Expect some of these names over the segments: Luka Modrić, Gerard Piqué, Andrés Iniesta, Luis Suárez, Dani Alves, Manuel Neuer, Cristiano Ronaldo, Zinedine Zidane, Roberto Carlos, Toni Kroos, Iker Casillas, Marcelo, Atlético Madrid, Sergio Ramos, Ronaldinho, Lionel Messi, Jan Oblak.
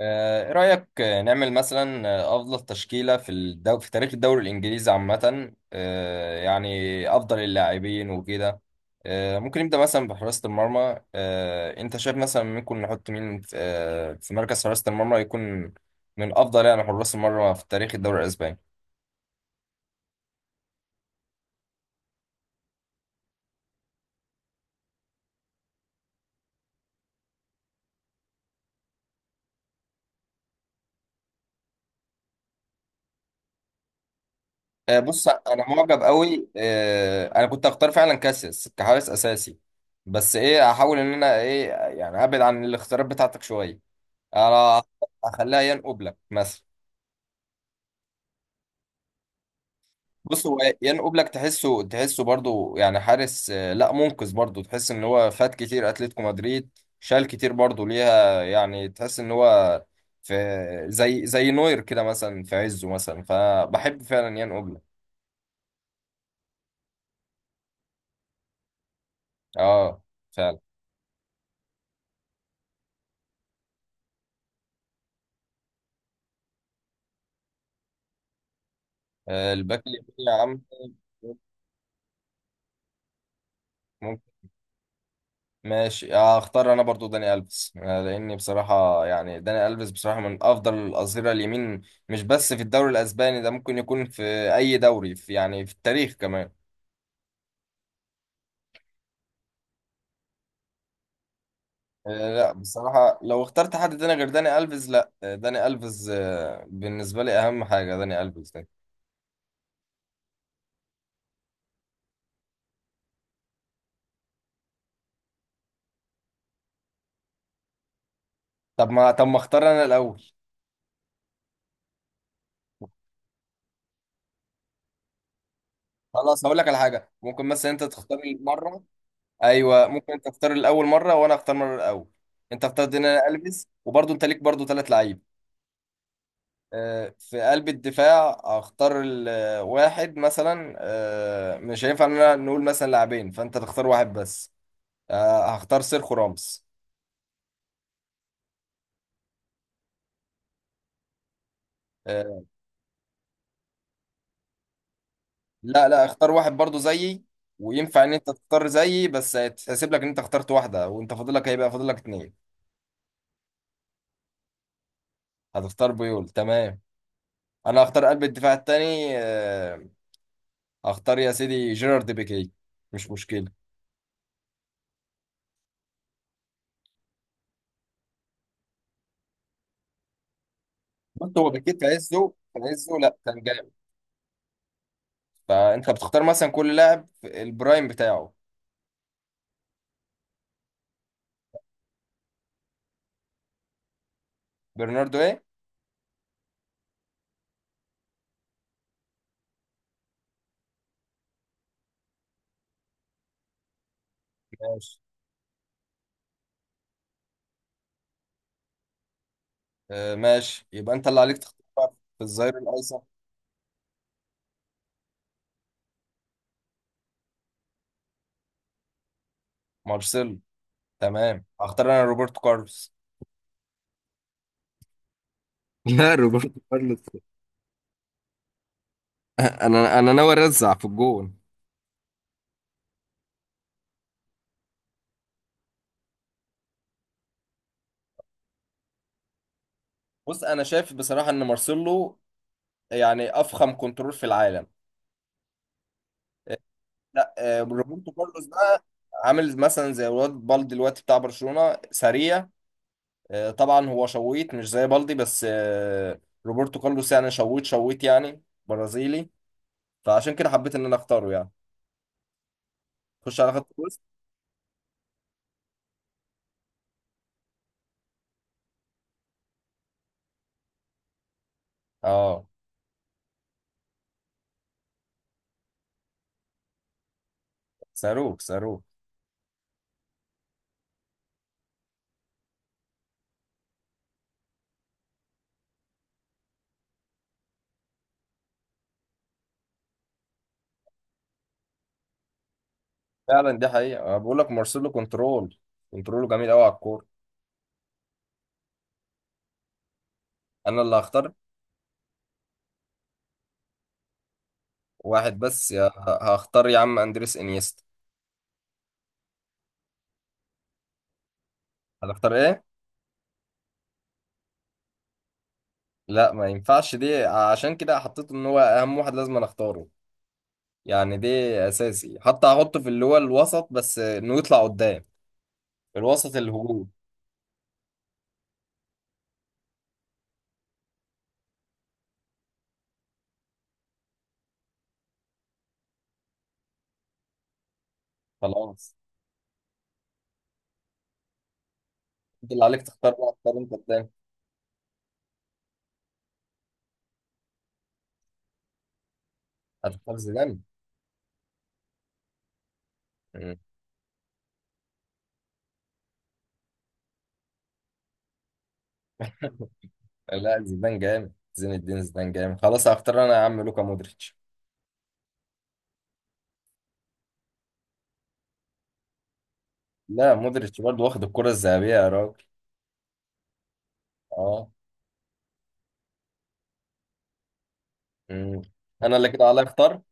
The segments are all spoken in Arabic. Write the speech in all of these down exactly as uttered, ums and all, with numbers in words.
آه، ايه رأيك، آه، نعمل مثلا آه، افضل تشكيلة في الدو... في تاريخ الدوري الانجليزي عامة، آه، يعني افضل اللاعبين وكده. آه، ممكن نبدأ مثلا بحراسة المرمى. آه، انت شايف مثلا ممكن نحط مين في آه، في مركز حراسة المرمى يكون من افضل يعني حراس المرمى في تاريخ الدوري الاسباني. آه، بص انا معجب قوي، آه، انا كنت هختار فعلا كاسياس كحارس اساسي. بس ايه هحاول ان انا ايه يعني ابعد عن الاختيارات بتاعتك شوية. انا هخليها يان اوبلاك مثلا. بص هو يان اوبلاك تحسه تحسه برضو، يعني حارس، آه، لا منقذ. برضو تحس ان هو فات كتير اتلتيكو مدريد، شال كتير برضو ليها. يعني تحس ان هو في زي زي نوير كده مثلا في عزه، مثلا فبحب فعلا يان اوبلاك. اه فعلا. آه، الباك اليمين يا عم. ماشي، اختار انا برضو داني الفيس، آه، لاني بصراحه يعني داني الفيس بصراحه من افضل الاظهره اليمين، مش بس في الدوري الاسباني، ده ممكن يكون في اي دوري، في يعني في التاريخ كمان. آه، لا بصراحه، لو اخترت حد تاني غير داني الفيس لا، آه، داني الفيس، آه، بالنسبه لي اهم حاجه داني الفيس ده. طب ما طب ما اختار انا الاول. خلاص هقول لك على حاجه، ممكن مثلا انت تختار المره. ايوه، ممكن انت تختار الاول مره وانا اختار مره الاول. انت اختار داني الفيس وبرضو انت ليك برضو ثلاث لعيبه. آه، في قلب الدفاع اختار ال- واحد مثلا، آه، مش هينفع ان انا نقول مثلا لاعبين، فانت تختار واحد بس. آه، هختار سيرخو راموس. آه، لا لا، اختار واحد برضو زيي. وينفع ان انت تختار زيي، بس هيتحسب لك ان انت اخترت واحدة، وانت فاضلك هيبقى فاضلك اتنين. هتختار بيول، تمام. انا هختار قلب الدفاع التاني، آه، هختار يا سيدي جيرارد بيكي. مش مشكلة. بص، هو بيكي في عزه في عزه لا كان جامد. فانت بتختار مثلا كل لاعب في البرايم بتاعه. برناردو ايه؟ ماشي. آه ماشي، يبقى انت اللي عليك تختار بقى في الظهير الايسر. مارسيلو، تمام. هختار انا روبرتو كارلوس. لا، روبرتو كارلوس. انا انا ناوي ارزع في الجون. بص، انا شايف بصراحه ان مارسيلو يعني افخم كنترول في العالم. لا، آه، روبرتو كارلوس بقى عامل مثلا زي الواد بالدي دلوقتي بتاع برشلونه، سريع. آه، طبعا هو شويت مش زي بالدي، بس آه، روبرتو كارلوس يعني شويت شويت يعني، برازيلي. فعشان كده حبيت ان انا اختاره يعني. خش على خط. اه. صاروخ صاروخ. فعلا، دي حقيقة. أنا بقول لك مارسيلو كنترول، كنترول جميل قوي على الكورة. أنا اللي هختار واحد بس يا... هختار يا عم أندريس إنيستا. هتختار إيه؟ لا ما ينفعش دي، عشان كده حطيته إن هو أهم واحد لازم أنا أختاره. يعني دي أساسي، حتى هحطه في اللي هو الوسط، بس إنه يطلع قدام، الوسط الهجوم. خلاص، أنت اللي عليك تختار بقى، اختار أنت قدام. هتختار زيدان؟ مم. لا، زيدان جامد، زين الدين زيدان جامد. خلاص هختار أنا يا عم لوكا مودريتش. لا مودريتش برضه واخد الكرة الذهبية يا راجل. اه. مم. انا اللي كده عليا اختار.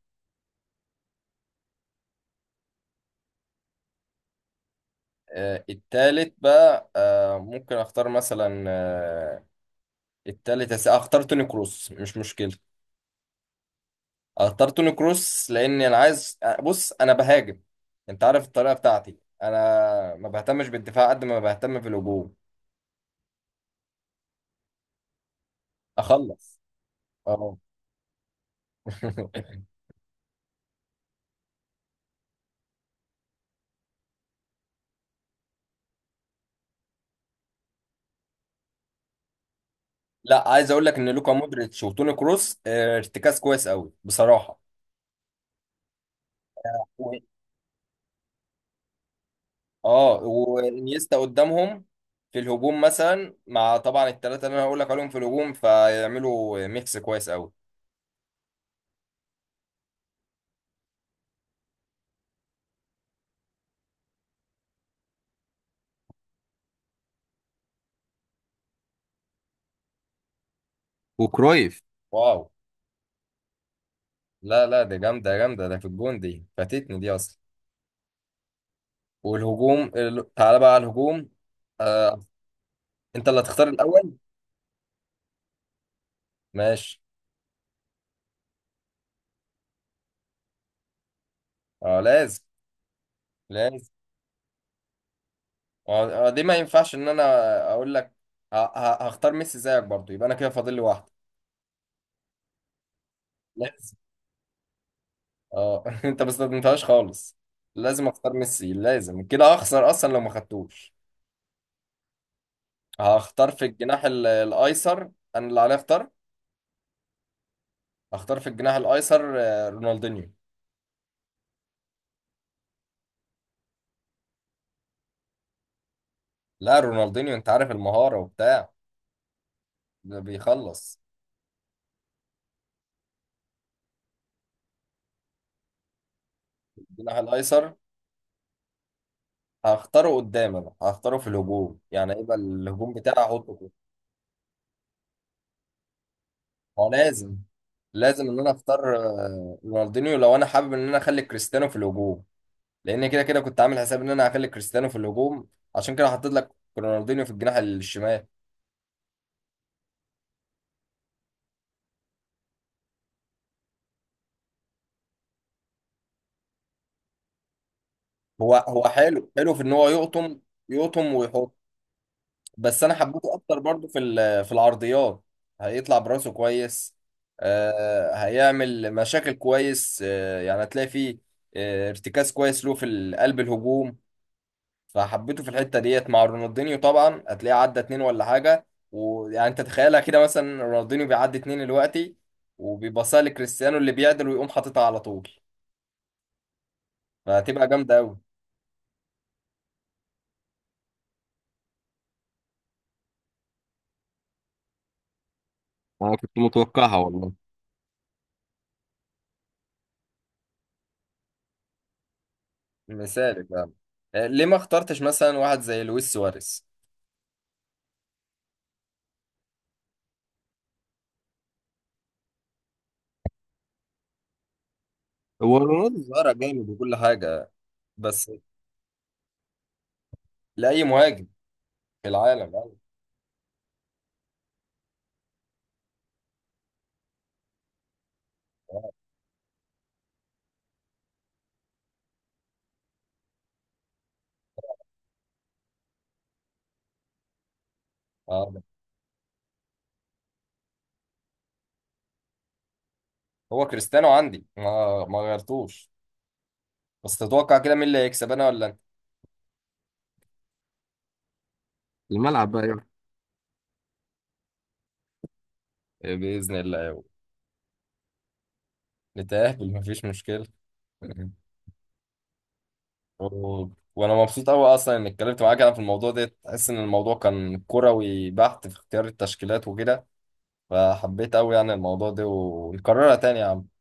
آه التالت بقى، آه ممكن اختار مثلا آه التالت هس- اختار توني كروس، مش مشكلة. اختار توني كروس لان انا عايز، آه، بص انا بهاجم. انت عارف الطريقة بتاعتي، انا ما بهتمش بالدفاع قد ما بهتم في الهجوم. اخلص. اه لا، عايز اقول لك ان لوكا مودريتش وتوني كروس آه، ارتكاز كويس قوي بصراحة. اه، وانيستا قدامهم في الهجوم مثلا، مع طبعا الثلاثه اللي انا هقول لك عليهم في الهجوم، فيعملوا ميكس كويس قوي. وكرويف. واو. لا لا، ده جامده جامده، ده في الجون. دي فاتتني دي اصلا. والهجوم ال- تعالى بقى على الهجوم. آه. انت اللي هتختار الاول. ماشي. اه لازم، لازم. آه. آه، دي ما ينفعش ان انا اقول لك، ه- ه- هختار ميسي زيك برضو، يبقى انا كده فاضل لي واحده. اه انت ما استخدمتهاش خالص. لازم اختار ميسي، لازم كده اخسر اصلا لو ما خدتوش. هختار في الجناح ال- الايسر. انا اللي عليا اختار. هختار في الجناح الايسر آه، رونالدينيو. لا، رونالدينيو انت عارف المهارة وبتاع. ده بيخلص. الجناح الايسر هختاره قدام، انا هختاره في الهجوم، يعني يبقى الهجوم بتاعي احطه كده. هو لازم، لازم ان انا اختار آه، رونالدينيو لو انا حابب ان انا اخلي كريستيانو في الهجوم، لان كده كده كنت عامل حساب ان انا هخلي كريستيانو في الهجوم، عشان كده حطيت لك رونالدينيو في الجناح الشمال. هو هو حلو حلو في ان هو يقطم، يقطم ويحط. بس انا حبيته اكتر برضو في ال- في العرضيات. هيطلع براسه كويس، آه، هيعمل مشاكل كويس، آه، يعني هتلاقي فيه آه، ارتكاز كويس له في ال- قلب الهجوم. فحبيته في الحته ديت مع رونالدينيو، طبعا هتلاقيه عدى اتنين ولا حاجه. ويعني انت تخيلها كده، مثلا رونالدينيو بيعدي اتنين دلوقتي وبيباصها لكريستيانو اللي بيعدل ويقوم حاططها على طول، فهتبقى جامده قوي. انا كنت متوقعها والله. مثالي فعلا. آه، ليه ما اخترتش مثلا واحد زي لويس سواريز؟ هو رونالدو ظاهرة جامد وكل حاجة، بس لأي مهاجم في العالم يعني. آه، آه، هو كريستيانو عندي، ما ما غيرتوش. بس تتوقع كده مين اللي هيكسب، أنا ولا أنت؟ الملعب بقى يلا. بإذن الله. نتقابل، مفيش مشكلة. و... وانا مبسوط قوي اصلا اني اتكلمت معاك انا في الموضوع ده، تحس ان الموضوع كان كروي بحت في اختيار التشكيلات وكده. فحبيت قوي يعني الموضوع ده، ونكررها تاني يا عم.